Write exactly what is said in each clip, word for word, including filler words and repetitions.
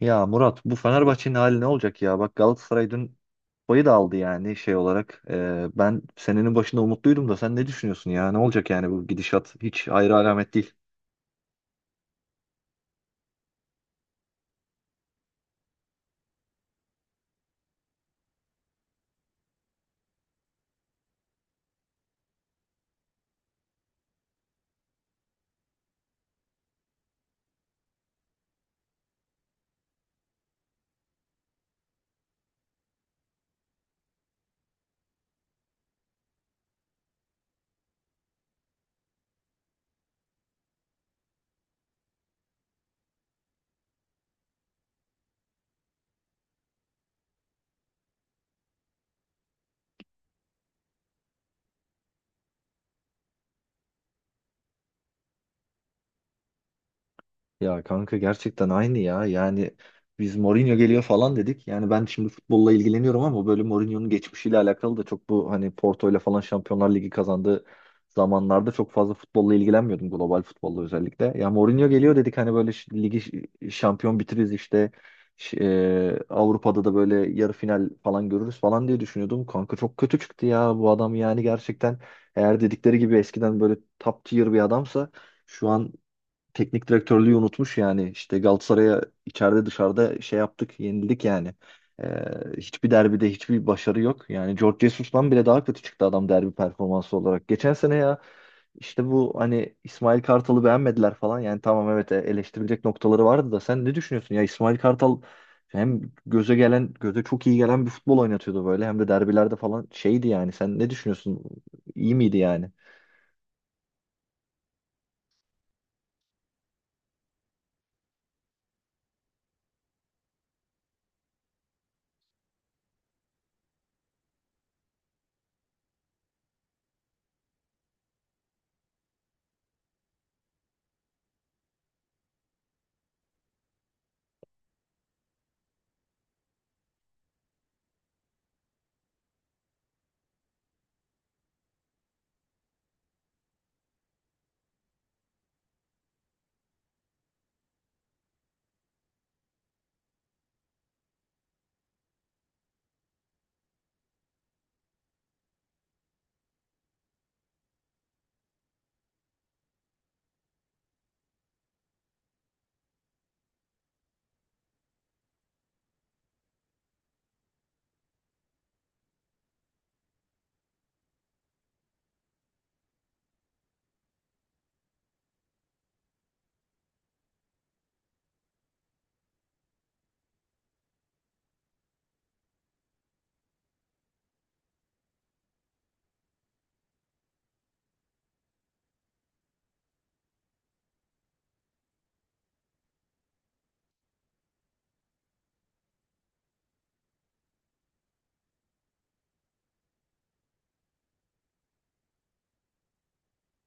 Ya Murat bu Fenerbahçe'nin hali ne olacak ya? Bak Galatasaray dün payı da aldı yani şey olarak. Ee, ben senenin başında umutluydum da sen ne düşünüyorsun ya? Ne olacak yani bu gidişat? Hiç hayra alamet değil. Ya kanka gerçekten aynı ya. Yani biz Mourinho geliyor falan dedik. Yani ben şimdi futbolla ilgileniyorum ama böyle Mourinho'nun geçmişiyle alakalı da çok bu hani Porto ile falan Şampiyonlar Ligi kazandığı zamanlarda çok fazla futbolla ilgilenmiyordum. Global futbolla özellikle. Ya Mourinho geliyor dedik hani böyle ş- ligi ş- şampiyon bitiririz işte. Ş- e, Avrupa'da da böyle yarı final falan görürüz falan diye düşünüyordum. Kanka çok kötü çıktı ya bu adam yani gerçekten eğer dedikleri gibi eskiden böyle top tier bir adamsa şu an teknik direktörlüğü unutmuş yani. İşte Galatasaray'a içeride dışarıda şey yaptık, yenildik yani. Ee, Hiçbir derbide hiçbir başarı yok. Yani George Jesus'tan bile daha kötü çıktı adam derbi performansı olarak. Geçen sene ya işte bu hani İsmail Kartal'ı beğenmediler falan. Yani tamam evet, e, eleştirilecek noktaları vardı da sen ne düşünüyorsun? Ya İsmail Kartal hem göze gelen, göze çok iyi gelen bir futbol oynatıyordu böyle. Hem de derbilerde falan şeydi yani. Sen ne düşünüyorsun? İyi miydi yani?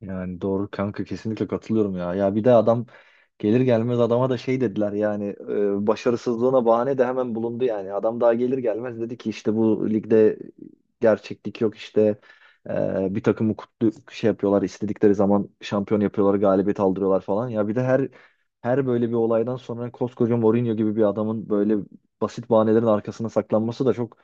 Yani doğru kanka, kesinlikle katılıyorum ya. Ya bir de adam gelir gelmez adama da şey dediler yani, e, başarısızlığına bahane de hemen bulundu yani. Adam daha gelir gelmez dedi ki işte bu ligde gerçeklik yok, işte e, bir takımı kutlu şey yapıyorlar, istedikleri zaman şampiyon yapıyorlar, galibiyet aldırıyorlar falan. Ya bir de her her böyle bir olaydan sonra koskoca Mourinho gibi bir adamın böyle basit bahanelerin arkasına saklanması da çok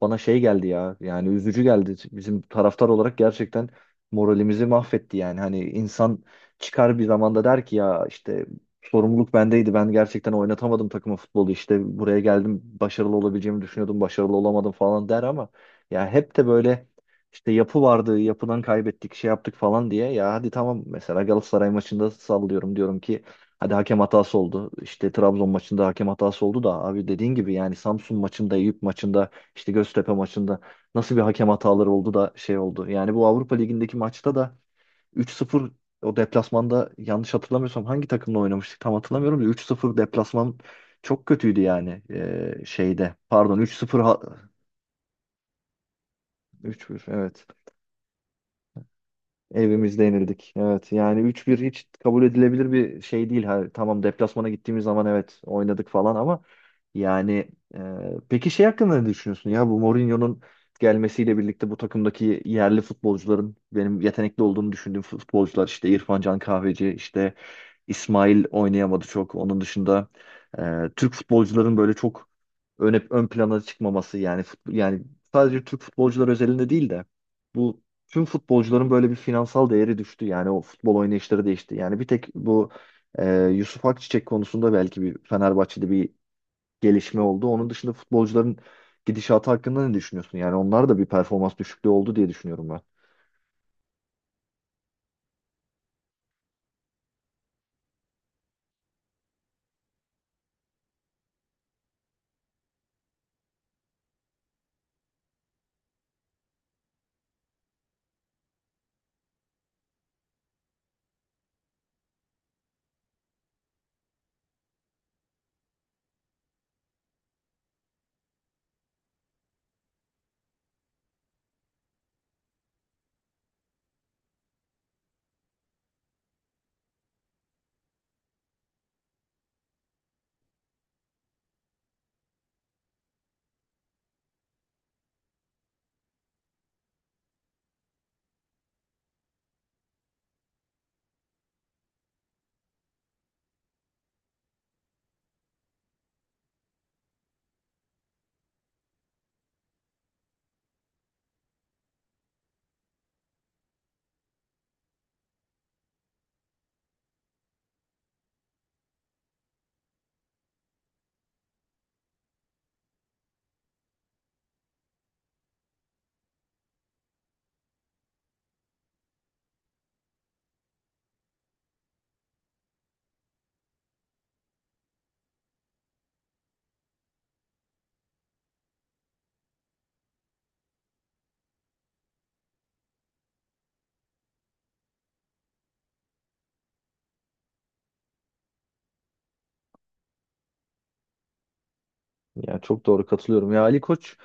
bana şey geldi ya. Yani üzücü geldi. Bizim taraftar olarak gerçekten moralimizi mahvetti yani. Hani insan çıkar bir zamanda der ki ya işte sorumluluk bendeydi. Ben gerçekten oynatamadım takımı, futbolu. İşte buraya geldim, başarılı olabileceğimi düşünüyordum. Başarılı olamadım falan der ama ya hep de böyle işte yapı vardı, yapıdan kaybettik, şey yaptık falan diye. Ya hadi tamam mesela Galatasaray maçında sallıyorum diyorum ki hadi hakem hatası oldu. İşte Trabzon maçında hakem hatası oldu da abi dediğin gibi yani Samsun maçında, Eyüp maçında, işte Göztepe maçında nasıl bir hakem hataları oldu da şey oldu. Yani bu Avrupa Ligi'ndeki maçta da üç sıfır, o deplasmanda yanlış hatırlamıyorsam hangi takımla oynamıştık tam hatırlamıyorum da üç sıfır deplasman çok kötüydü yani. Ee, şeyde. Pardon üç sıfır ha- üç bir evet. Evimizde yenildik. Evet yani üç bir hiç kabul edilebilir bir şey değil. Ha, tamam deplasmana gittiğimiz zaman evet oynadık falan ama yani e, peki şey hakkında ne düşünüyorsun ya, bu Mourinho'nun gelmesiyle birlikte bu takımdaki yerli futbolcuların, benim yetenekli olduğunu düşündüğüm futbolcular işte İrfan Can Kahveci, işte İsmail oynayamadı çok. Onun dışında e, Türk futbolcuların böyle çok ön, ön plana çıkmaması yani, fut- yani sadece Türk futbolcular özelinde değil de bu tüm futbolcuların böyle bir finansal değeri düştü. Yani o futbol oynayışları değişti. Yani bir tek bu e, Yusuf Akçiçek konusunda belki bir Fenerbahçe'de bir gelişme oldu. Onun dışında futbolcuların gidişatı hakkında ne düşünüyorsun? Yani onlar da bir performans düşüklüğü oldu diye düşünüyorum ben. Ya çok doğru, katılıyorum. Ya Ali Koç,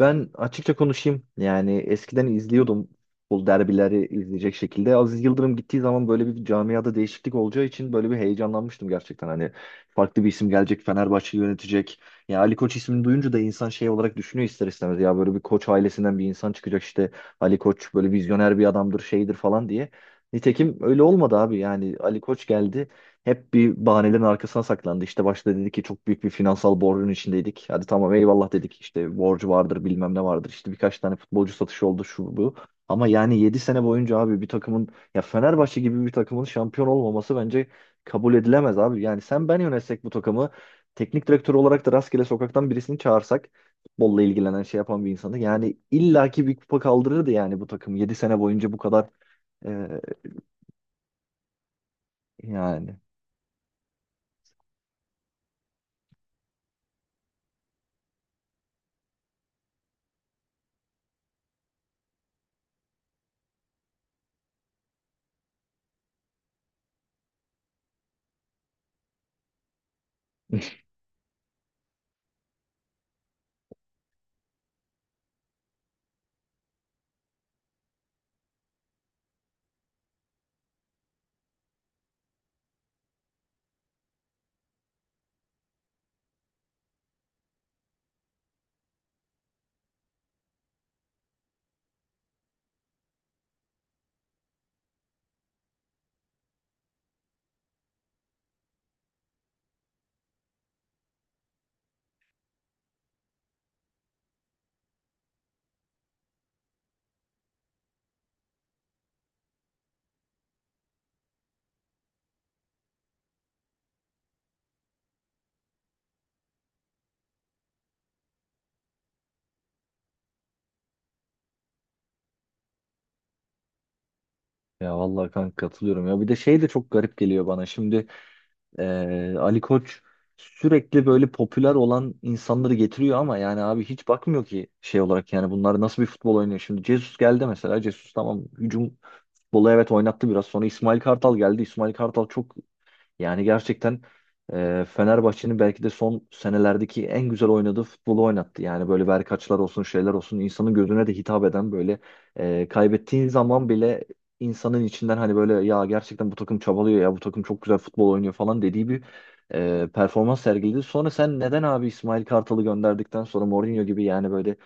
ben açıkça konuşayım. Yani eskiden izliyordum bu derbileri, izleyecek şekilde. Aziz Yıldırım gittiği zaman böyle bir camiada değişiklik olacağı için böyle bir heyecanlanmıştım gerçekten. Hani farklı bir isim gelecek, Fenerbahçe yönetecek. Ya Ali Koç ismini duyunca da insan şey olarak düşünüyor ister istemez. Ya böyle bir Koç ailesinden bir insan çıkacak işte. Ali Koç böyle vizyoner bir adamdır, şeydir falan diye. Nitekim öyle olmadı abi. Yani Ali Koç geldi. Hep bir bahanelerin arkasına saklandı. İşte başta dedi ki çok büyük bir finansal borcun içindeydik. Hadi tamam eyvallah dedik. İşte borcu vardır, bilmem ne vardır. İşte birkaç tane futbolcu satışı oldu şu bu. Ama yani yedi sene boyunca abi bir takımın, ya Fenerbahçe gibi bir takımın şampiyon olmaması bence kabul edilemez abi. Yani sen ben yönetsek bu takımı, teknik direktör olarak da rastgele sokaktan birisini çağırsak, futbolla ilgilenen şey yapan bir insanı, yani illaki bir kupa kaldırırdı yani. Bu takım yedi sene boyunca bu kadar e, yani. Ya vallahi kanka katılıyorum ya. Bir de şey de çok garip geliyor bana. Şimdi eee, Ali Koç sürekli böyle popüler olan insanları getiriyor ama yani abi hiç bakmıyor ki şey olarak yani bunlar nasıl bir futbol oynuyor. Şimdi Jesus geldi mesela. Jesus tamam, hücum futbolu evet oynattı biraz. Sonra İsmail Kartal geldi. İsmail Kartal çok, yani gerçekten e, Fenerbahçe'nin belki de son senelerdeki en güzel oynadığı futbolu oynattı. Yani böyle verkaçlar olsun, şeyler olsun, insanın gözüne de hitap eden böyle e, kaybettiği zaman bile insanın içinden hani böyle ya gerçekten bu takım çabalıyor ya, bu takım çok güzel futbol oynuyor falan dediği bir e, performans sergiledi. Sonra sen neden abi İsmail Kartal'ı gönderdikten sonra Mourinho gibi yani böyle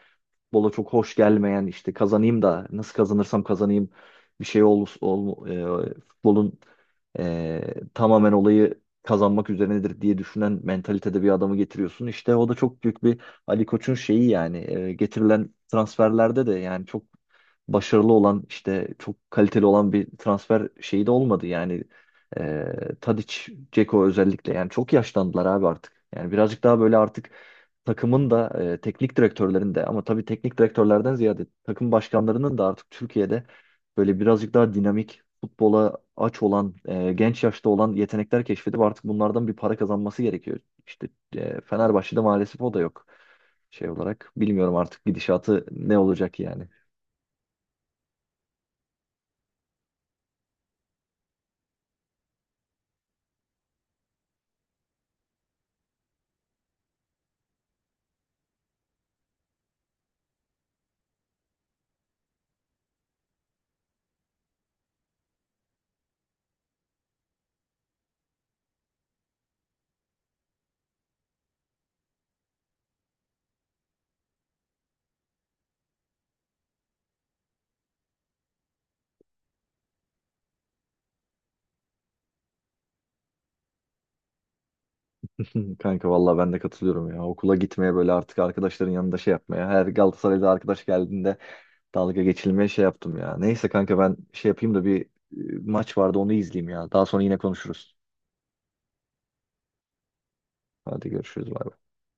futbola çok hoş gelmeyen, işte kazanayım da nasıl kazanırsam kazanayım, bir şey ol, ol e, futbolun e, tamamen olayı kazanmak üzerinedir diye düşünen mentalitede bir adamı getiriyorsun. İşte o da çok büyük bir Ali Koç'un şeyi yani, e, getirilen transferlerde de yani çok başarılı olan, işte çok kaliteli olan bir transfer şeyi de olmadı yani. E, Tadic, Dzeko özellikle yani çok yaşlandılar abi artık. Yani birazcık daha böyle artık takımın da e, teknik direktörlerin de, ama tabii teknik direktörlerden ziyade takım başkanlarının da artık Türkiye'de böyle birazcık daha dinamik futbola aç olan, e, genç yaşta olan yetenekler keşfedip artık bunlardan bir para kazanması gerekiyor. İşte e, Fenerbahçe'de maalesef o da yok şey olarak. Bilmiyorum artık gidişatı ne olacak yani. Hı, kanka vallahi ben de katılıyorum ya. Okula gitmeye böyle artık, arkadaşların yanında şey yapmaya. Her Galatasaray'da arkadaş geldiğinde dalga geçilmeye şey yaptım ya. Neyse kanka ben şey yapayım da bir e, maç vardı onu izleyeyim ya. Daha sonra yine konuşuruz. Hadi görüşürüz. Bay bay.